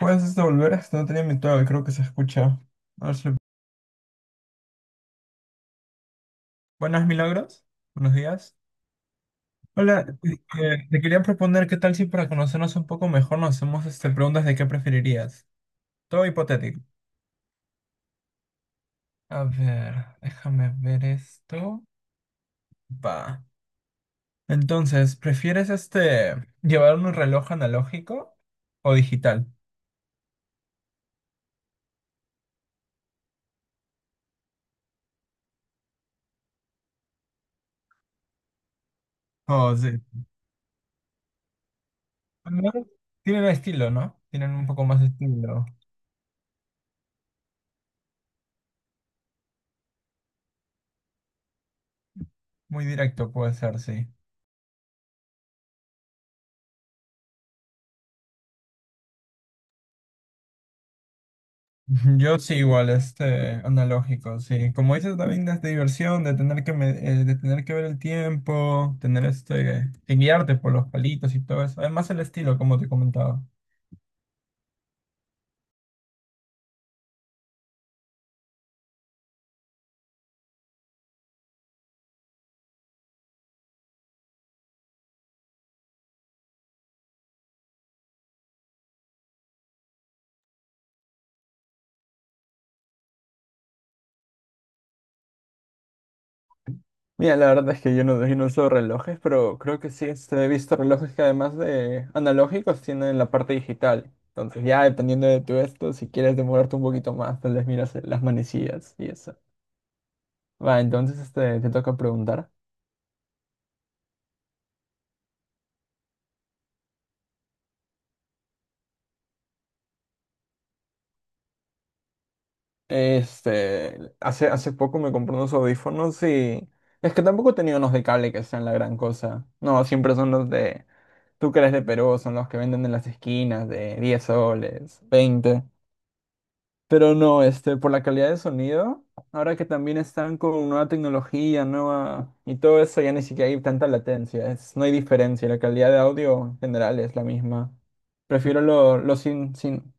¿Puedes devolver? No tenía mutado y creo que se escucha. A ver si- Buenas, Milagros. Buenos días. Hola, te quería proponer qué tal si para conocernos un poco mejor nos hacemos preguntas de qué preferirías. Todo hipotético. A ver, déjame ver esto. Va. Entonces, ¿prefieres llevar un reloj analógico o digital? Oh, sí. Al menos Tienen estilo, ¿no? Tienen un poco más de estilo. Muy directo puede ser, sí. Yo sí, igual, analógico, sí. Como dices, también es de diversión, de tener que, de tener que ver el tiempo, tener que guiarte por los palitos y todo eso. Además el estilo, como te comentaba. Mira, la verdad es que yo no uso relojes, pero creo que sí he visto relojes que además de analógicos tienen la parte digital. Entonces ya dependiendo de tu esto, si quieres demorarte un poquito más, tal vez miras las manecillas y eso. Va, entonces te toca preguntar. Hace poco me compré unos audífonos y es que tampoco he tenido unos de cable que sean la gran cosa. No, siempre son los de, tú que eres de Perú, son los que venden en las esquinas de 10 soles, 20. Pero no, por la calidad de sonido, ahora que también están con nueva tecnología, nueva y todo eso, ya ni siquiera hay tanta latencia, no hay diferencia, la calidad de audio en general es la misma. Prefiero los lo sin, sin,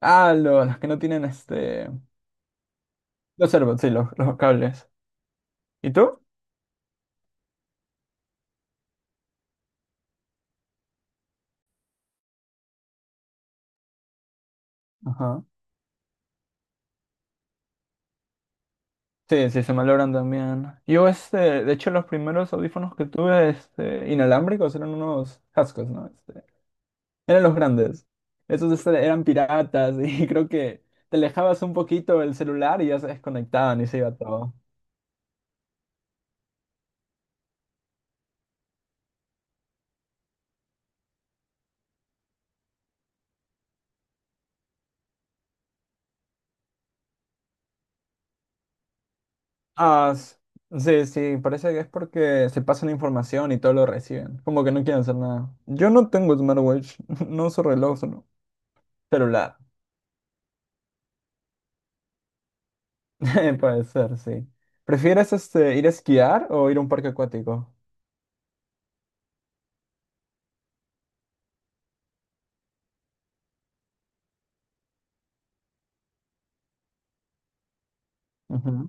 ah, lo- los que no tienen los AirPods, sí, los cables. ¿Y tú? Ajá. Sí, sí, se malogran también. De hecho, los primeros audífonos que tuve, inalámbricos, eran unos cascos, ¿no? Eran los grandes. Esos eran piratas y creo que te alejabas un poquito el celular y ya se desconectaban y se iba todo. Ah, sí, sí, parece que es porque se pasan información y todo lo reciben. Como que no quieren hacer nada. Yo no tengo smartwatch, no uso reloj, solo celular. Puede ser, sí. ¿Prefieres ir a esquiar o ir a un parque acuático? Ujú.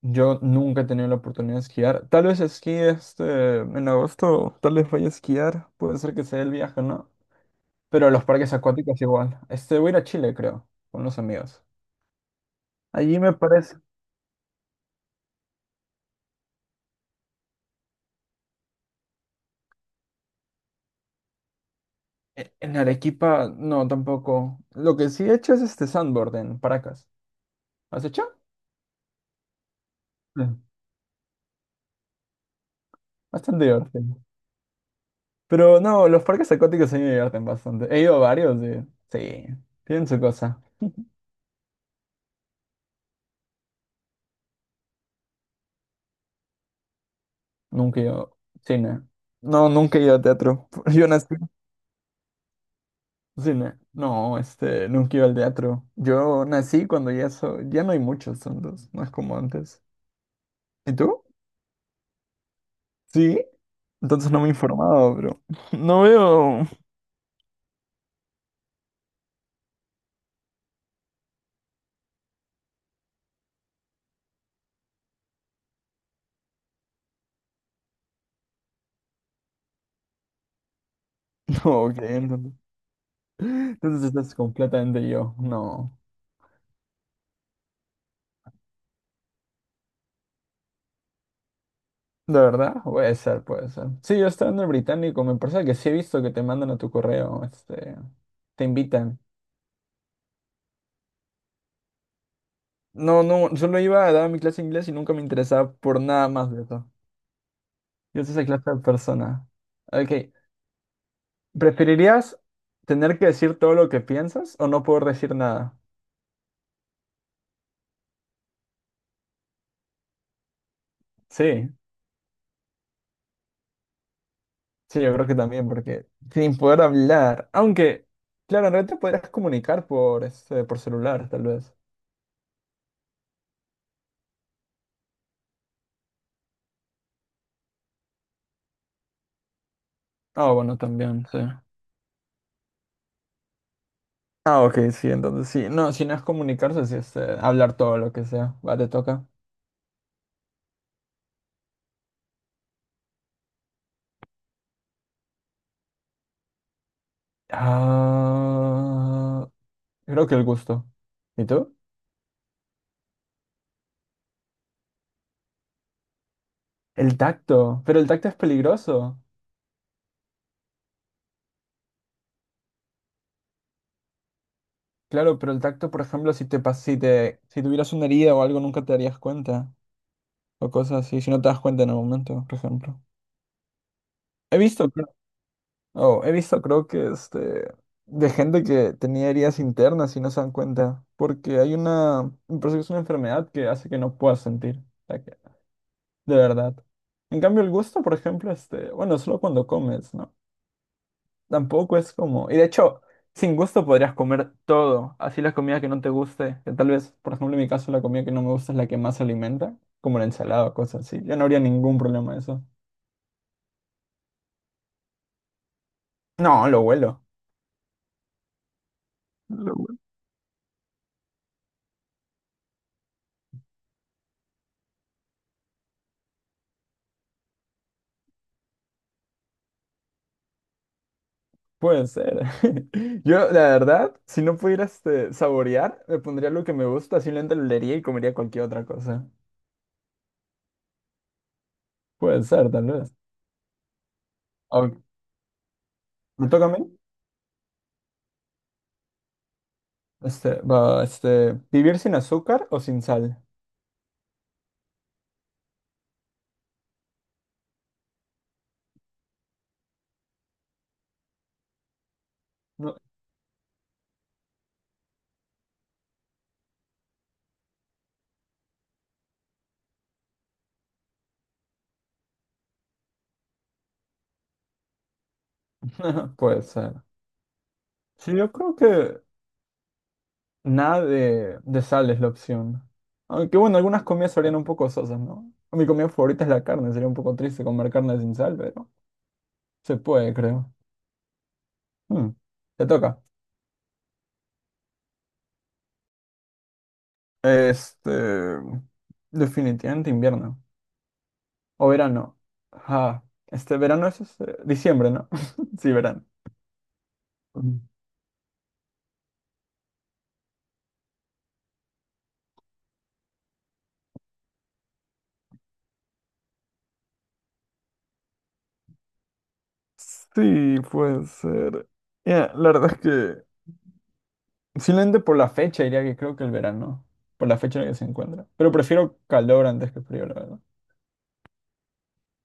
Yo nunca he tenido la oportunidad de esquiar. Tal vez esquí en agosto, tal vez vaya a esquiar. Puede ser que sea el viaje, ¿no? Pero los parques acuáticos igual. Voy a ir a Chile, creo, con los amigos. Allí me parece. En Arequipa, no, tampoco. Lo que sí he hecho es sandboard en Paracas. ¿Has hecho? Sí. Bastante divertido. Pero no, los parques acuáticos sí me divierten bastante. He ido a varios de... Sí, tienen su cosa. Nunca he ido cine. No, nunca he ido a teatro. Yo nací cine. No, nunca he ido al teatro. Yo nací cuando ya so... ya no hay muchos tantos, no es como antes. ¿Y tú? Sí. Entonces no me he informado, bro. No veo. No, ok, entonces. Entonces estás completamente yo. No. ¿De verdad? Puede ser, puede ser. Sí, yo estaba en el Británico, me parece que sí he visto que te mandan a tu correo, te invitan. No, no, solo iba a dar mi clase de inglés y nunca me interesaba por nada más de eso. Yo soy esa clase de persona. Ok, ¿preferirías tener que decir todo lo que piensas o no poder decir nada? Sí, sí, yo creo que también, porque sin poder hablar, aunque, claro, en realidad te podrías comunicar por celular, tal vez. Ah, bueno, también, sí. Ah, ok, sí, entonces sí. No, si no es comunicarse, sí es hablar todo lo que sea. Va, te toca. Ah, creo que el gusto. ¿Y tú? El tacto. Pero el tacto es peligroso. Claro, pero el tacto, por ejemplo, si te pas si te si tuvieras una herida o algo, nunca te darías cuenta. O cosas así, si no te das cuenta en el momento, por ejemplo. He visto, creo- oh, he visto, creo que de gente que tenía heridas internas y no se dan cuenta. Porque hay una, me parece que es una enfermedad que hace que no puedas sentir. De verdad. En cambio, el gusto, por ejemplo, bueno, solo cuando comes, ¿no? Tampoco es como. Y de hecho, sin gusto podrías comer todo. Así la comida que no te guste, que tal vez, por ejemplo, en mi caso, la comida que no me gusta es la que más se alimenta, como la ensalada o cosas así. Ya no habría ningún problema eso. No, lo huelo. Lo bueno. Puede ser. Yo, la verdad, si no pudiera saborear, me pondría lo que me gusta, simplemente lo leería y comería cualquier otra cosa. Puede ser, tal vez. Ok, ¿me toca a mí? Va, ¿vivir sin azúcar o sin sal? No, puede ser. Sí, yo creo que nada de sal es la opción. Aunque bueno, algunas comidas serían un poco sosas, ¿no? Mi comida favorita es la carne, sería un poco triste comer carne sin sal, pero se puede, creo. Mm, Te toca. Este, Definitivamente invierno. O verano. Ajá. Este verano es diciembre, ¿no? Sí, verano. Mm. Sí, puede ser. Ya, la verdad es que simplemente por la fecha diría que creo que el verano, por la fecha en la que se encuentra. Pero prefiero calor antes que frío, la verdad.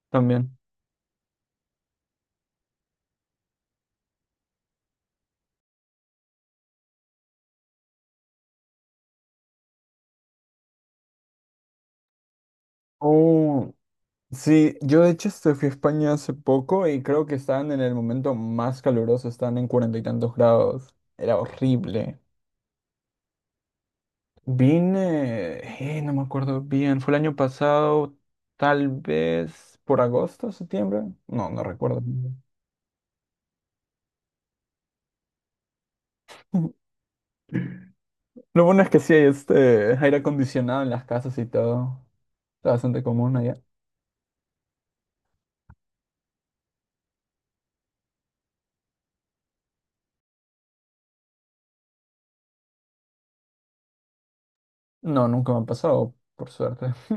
También. Oh, sí, yo de hecho fui a España hace poco y creo que estaban en el momento más caluroso, estaban en 40 y tantos grados. Era horrible. Vine, no me acuerdo bien, fue el año pasado, tal vez por agosto, septiembre. No, no recuerdo bien. Lo bueno es que sí hay aire acondicionado en las casas y todo. Está bastante común. No, nunca me han pasado, por suerte.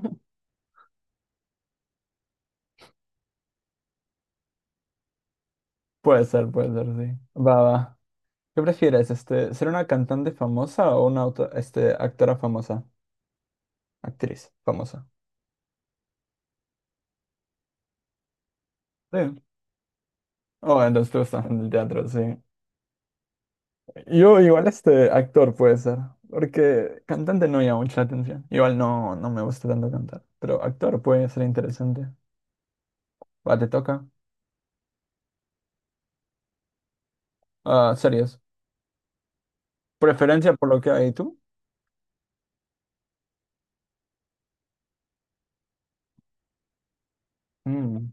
Puede ser, sí. Va, va. ¿Qué prefieres, ser una cantante famosa o una actora famosa? Actriz famosa. Sí. Oh, entonces tú estás en el teatro, sí. Yo igual actor puede ser, porque cantante no llama mucha atención. Igual no, no me gusta tanto cantar, pero actor puede ser interesante. Va, te toca. Ah, series. ¿Preferencia por lo que hay tú? Mm.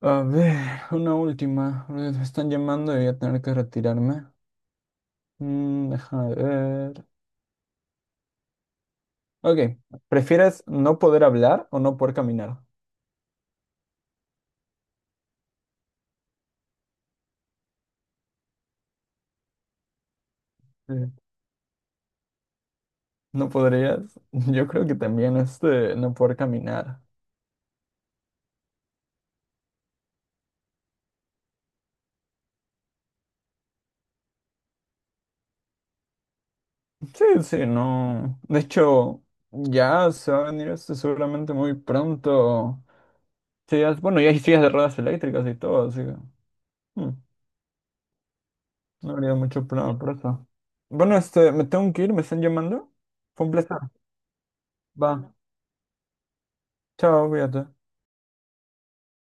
A ver, una última. Me están llamando y voy a tener que retirarme. Déjame ver. Ok, ¿prefieres no poder hablar o no poder caminar? Sí. No podrías. Yo creo que también no poder caminar. Sí, sí, no. De hecho, ya se va a venir seguramente muy pronto. Bueno, ya hay sillas de ruedas eléctricas y todo, así que hmm, no habría mucho problema por eso. Bueno, me tengo que ir, me están llamando. Fue un placer. Va, chao, cuídate.